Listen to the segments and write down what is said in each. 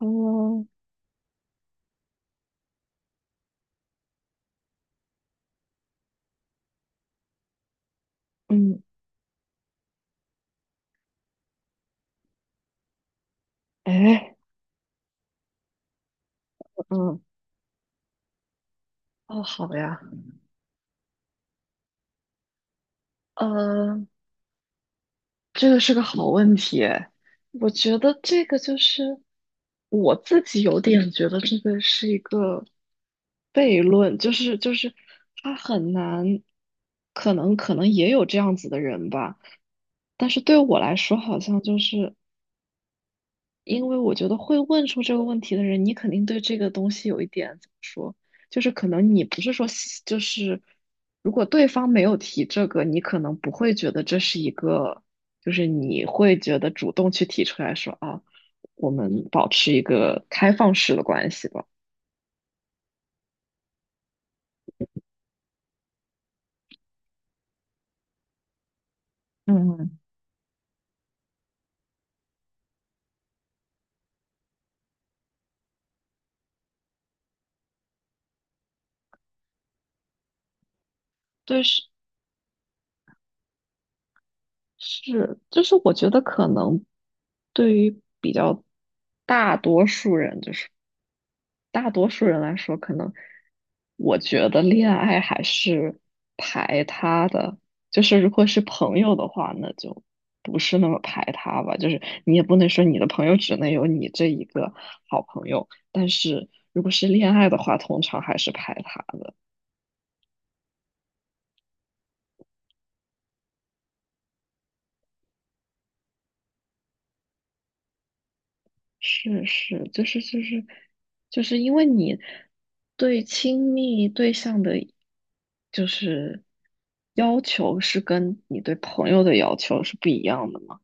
嗯嗯，哎，嗯，哦，好呀。呃，这个是个好问题诶。我觉得这个就是，我自己有点觉得这个是一个悖论，就是他很难，可能也有这样子的人吧，但是对我来说好像就是。因为我觉得会问出这个问题的人，你肯定对这个东西有一点怎么说，就是可能你不是说喜，就是如果对方没有提这个，你可能不会觉得这是一个，就是你会觉得主动去提出来说啊，我们保持一个开放式的关系吧。嗯嗯。对，是，就是我觉得可能对于比较大多数人，就是。大多数人来说，可能我觉得恋爱还是排他的，就是如果是朋友的话，那就不是那么排他吧。就是你也不能说你的朋友只能有你这一个好朋友，但是如果是恋爱的话，通常还是排他的。是是，就是就是因为你对亲密对象的，就是要求是跟你对朋友的要求是不一样的。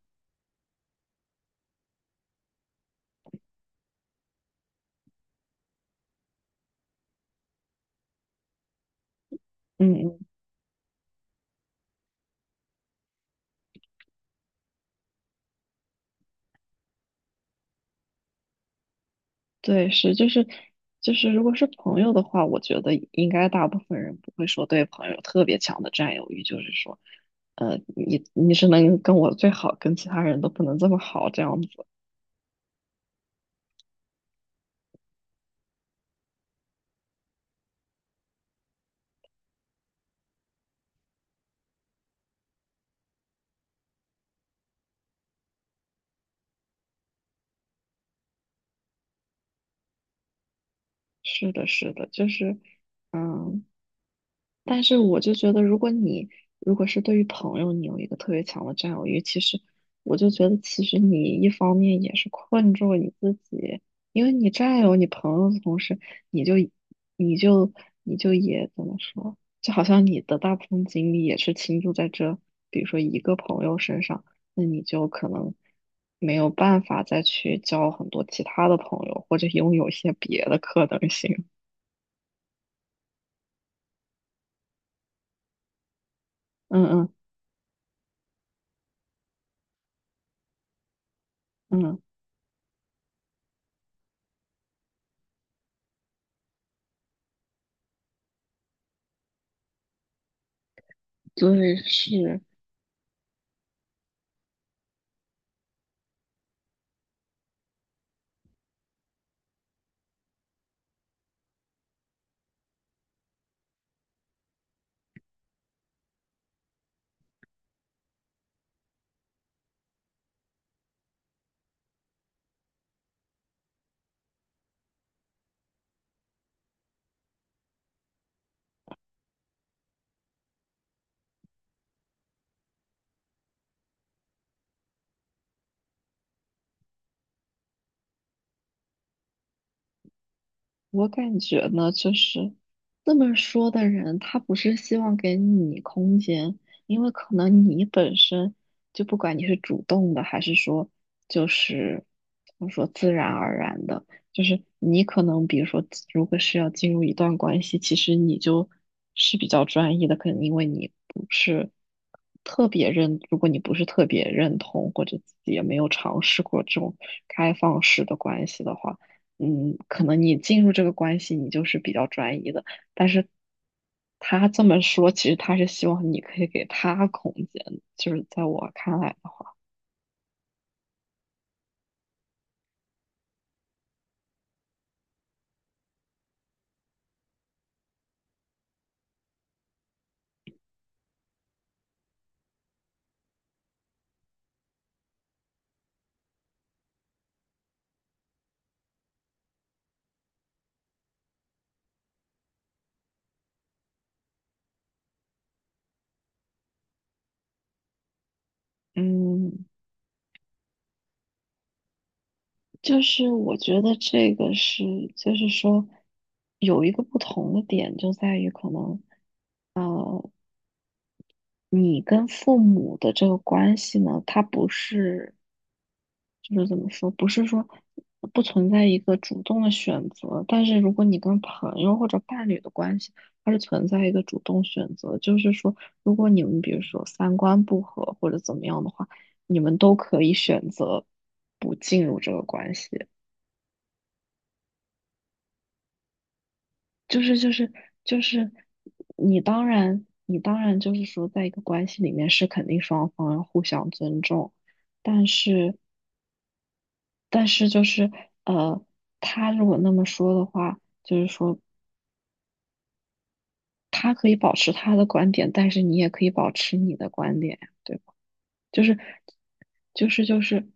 嗯嗯，对，是就就是，如果是朋友的话，我觉得应该大部分人不会说对朋友特别强的占有欲，就是说，你是能跟我最好，跟其他人都不能这么好，这样子。是的，是的，就是，嗯。但是我就觉得，如果你如果是对于朋友，你有一个特别强的占有欲，其实我就觉得，其实你一方面也是困住了你自己，因为你占有你朋友的同时，你就你就你就也怎么说，就好像你的大部分精力也是倾注在这，比如说一个朋友身上，那你就可能没有办法再去交很多其他的朋友，或者拥有一些别的可能性。嗯嗯嗯，对，是。我感觉呢，就是这么说的人，他不是希望给你空间，因为可能你本身就不管你是主动的，还是说就是怎么说自然而然的，就是你可能比如说，如果是要进入一段关系，其实你就是比较专一的，可能因为你不是特别认，如果你不是特别认同，或者自己也没有尝试过这种开放式的关系的话。嗯，可能你进入这个关系，你就是比较专一的。但是他这么说，其实他是希望你可以给他空间的，就是在我看来的话。嗯，就是我觉得这个是，就是说有一个不同的点就在于可能，呃，你跟父母的这个关系呢，他不是。就是怎么说，不是说不存在一个主动的选择，但是如果你跟朋友或者伴侣的关系，它是存在一个主动选择，就是说，如果你们比如说三观不合或者怎么样的话，你们都可以选择不进入这个关系。就是就是，你当然就是说，在一个关系里面是肯定双方要互相尊重，但是。但是就是，呃，他如果那么说的话，就是说他可以保持他的观点，但是你也可以保持你的观点呀，对吧？就是就是就是，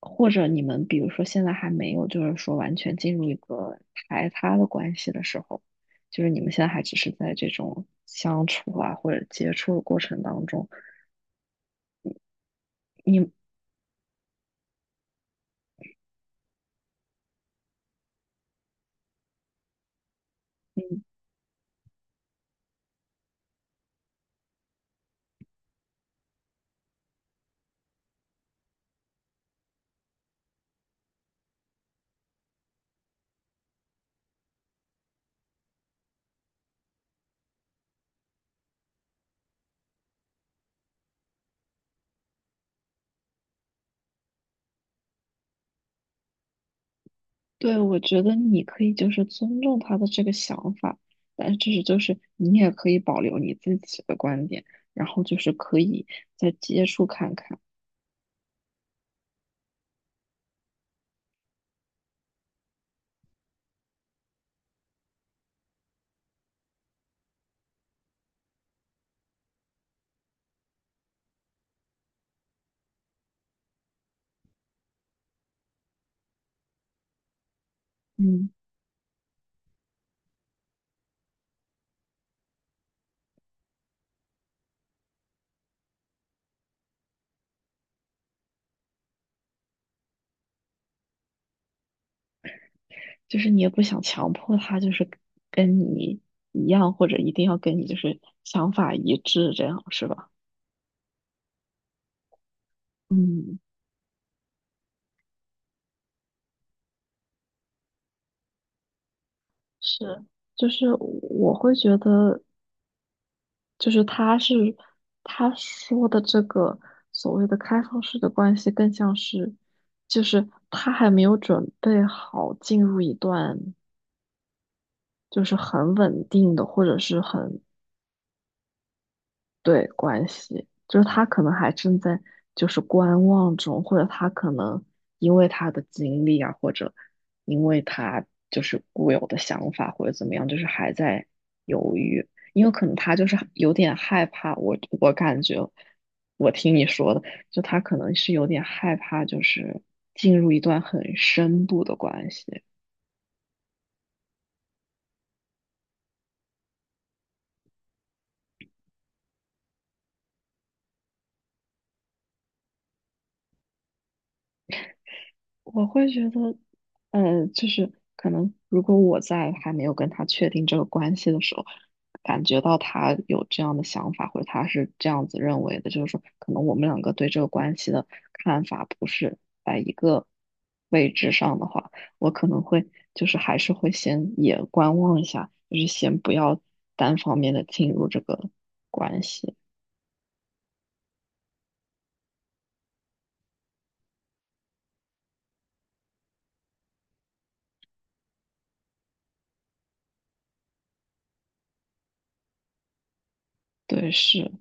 或者你们比如说现在还没有，就是说完全进入一个排他的关系的时候，就是你们现在还只是在这种相处啊或者接触的过程当中，你。对，我觉得你可以就是尊重他的这个想法，但是就是你也可以保留你自己的观点，然后就是可以再接触看看。嗯，就是你也不想强迫他就是跟你一样，或者一定要跟你就是想法一致，这样是吧？嗯。是，就是我会觉得，就是他是他说的这个所谓的开放式的关系，更像是就是他还没有准备好进入一段就是很稳定的或者是很对关系，就是他可能还正在就是观望中，或者他可能因为他的经历啊，或者因为他就是固有的想法或者怎么样，就是还在犹豫，因为可能他就是有点害怕。我感觉，我听你说的，就他可能是有点害怕，就是进入一段很深度的关系。我会觉得，就是可能如果我在还没有跟他确定这个关系的时候，感觉到他有这样的想法，或者他是这样子认为的，就是说，可能我们两个对这个关系的看法不是在一个位置上的话，我可能会就是还是会先也观望一下，就是先不要单方面的进入这个关系。对，是，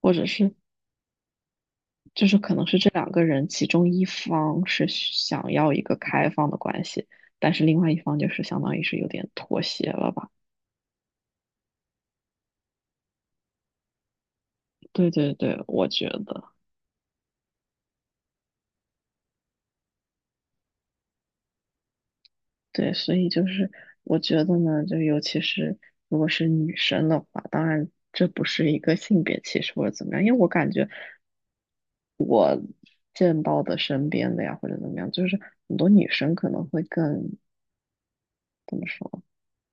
或者是就是可能是这两个人其中一方是想要一个开放的关系，但是另外一方就是相当于是有点妥协了吧？对对对，我觉得对，所以就是我觉得呢，就尤其是如果是女生的话，当然这不是一个性别歧视或者怎么样，因为我感觉见到的身边的呀或者怎么样，就是很多女生可能会更怎么说，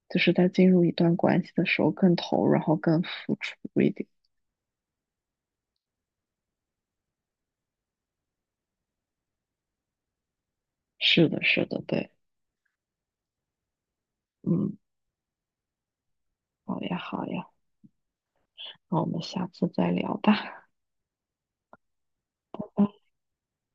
就是在进入一段关系的时候更投入，然后更付出一点。是的，是的，对。嗯。好呀，好呀，那我们下次再聊吧。拜拜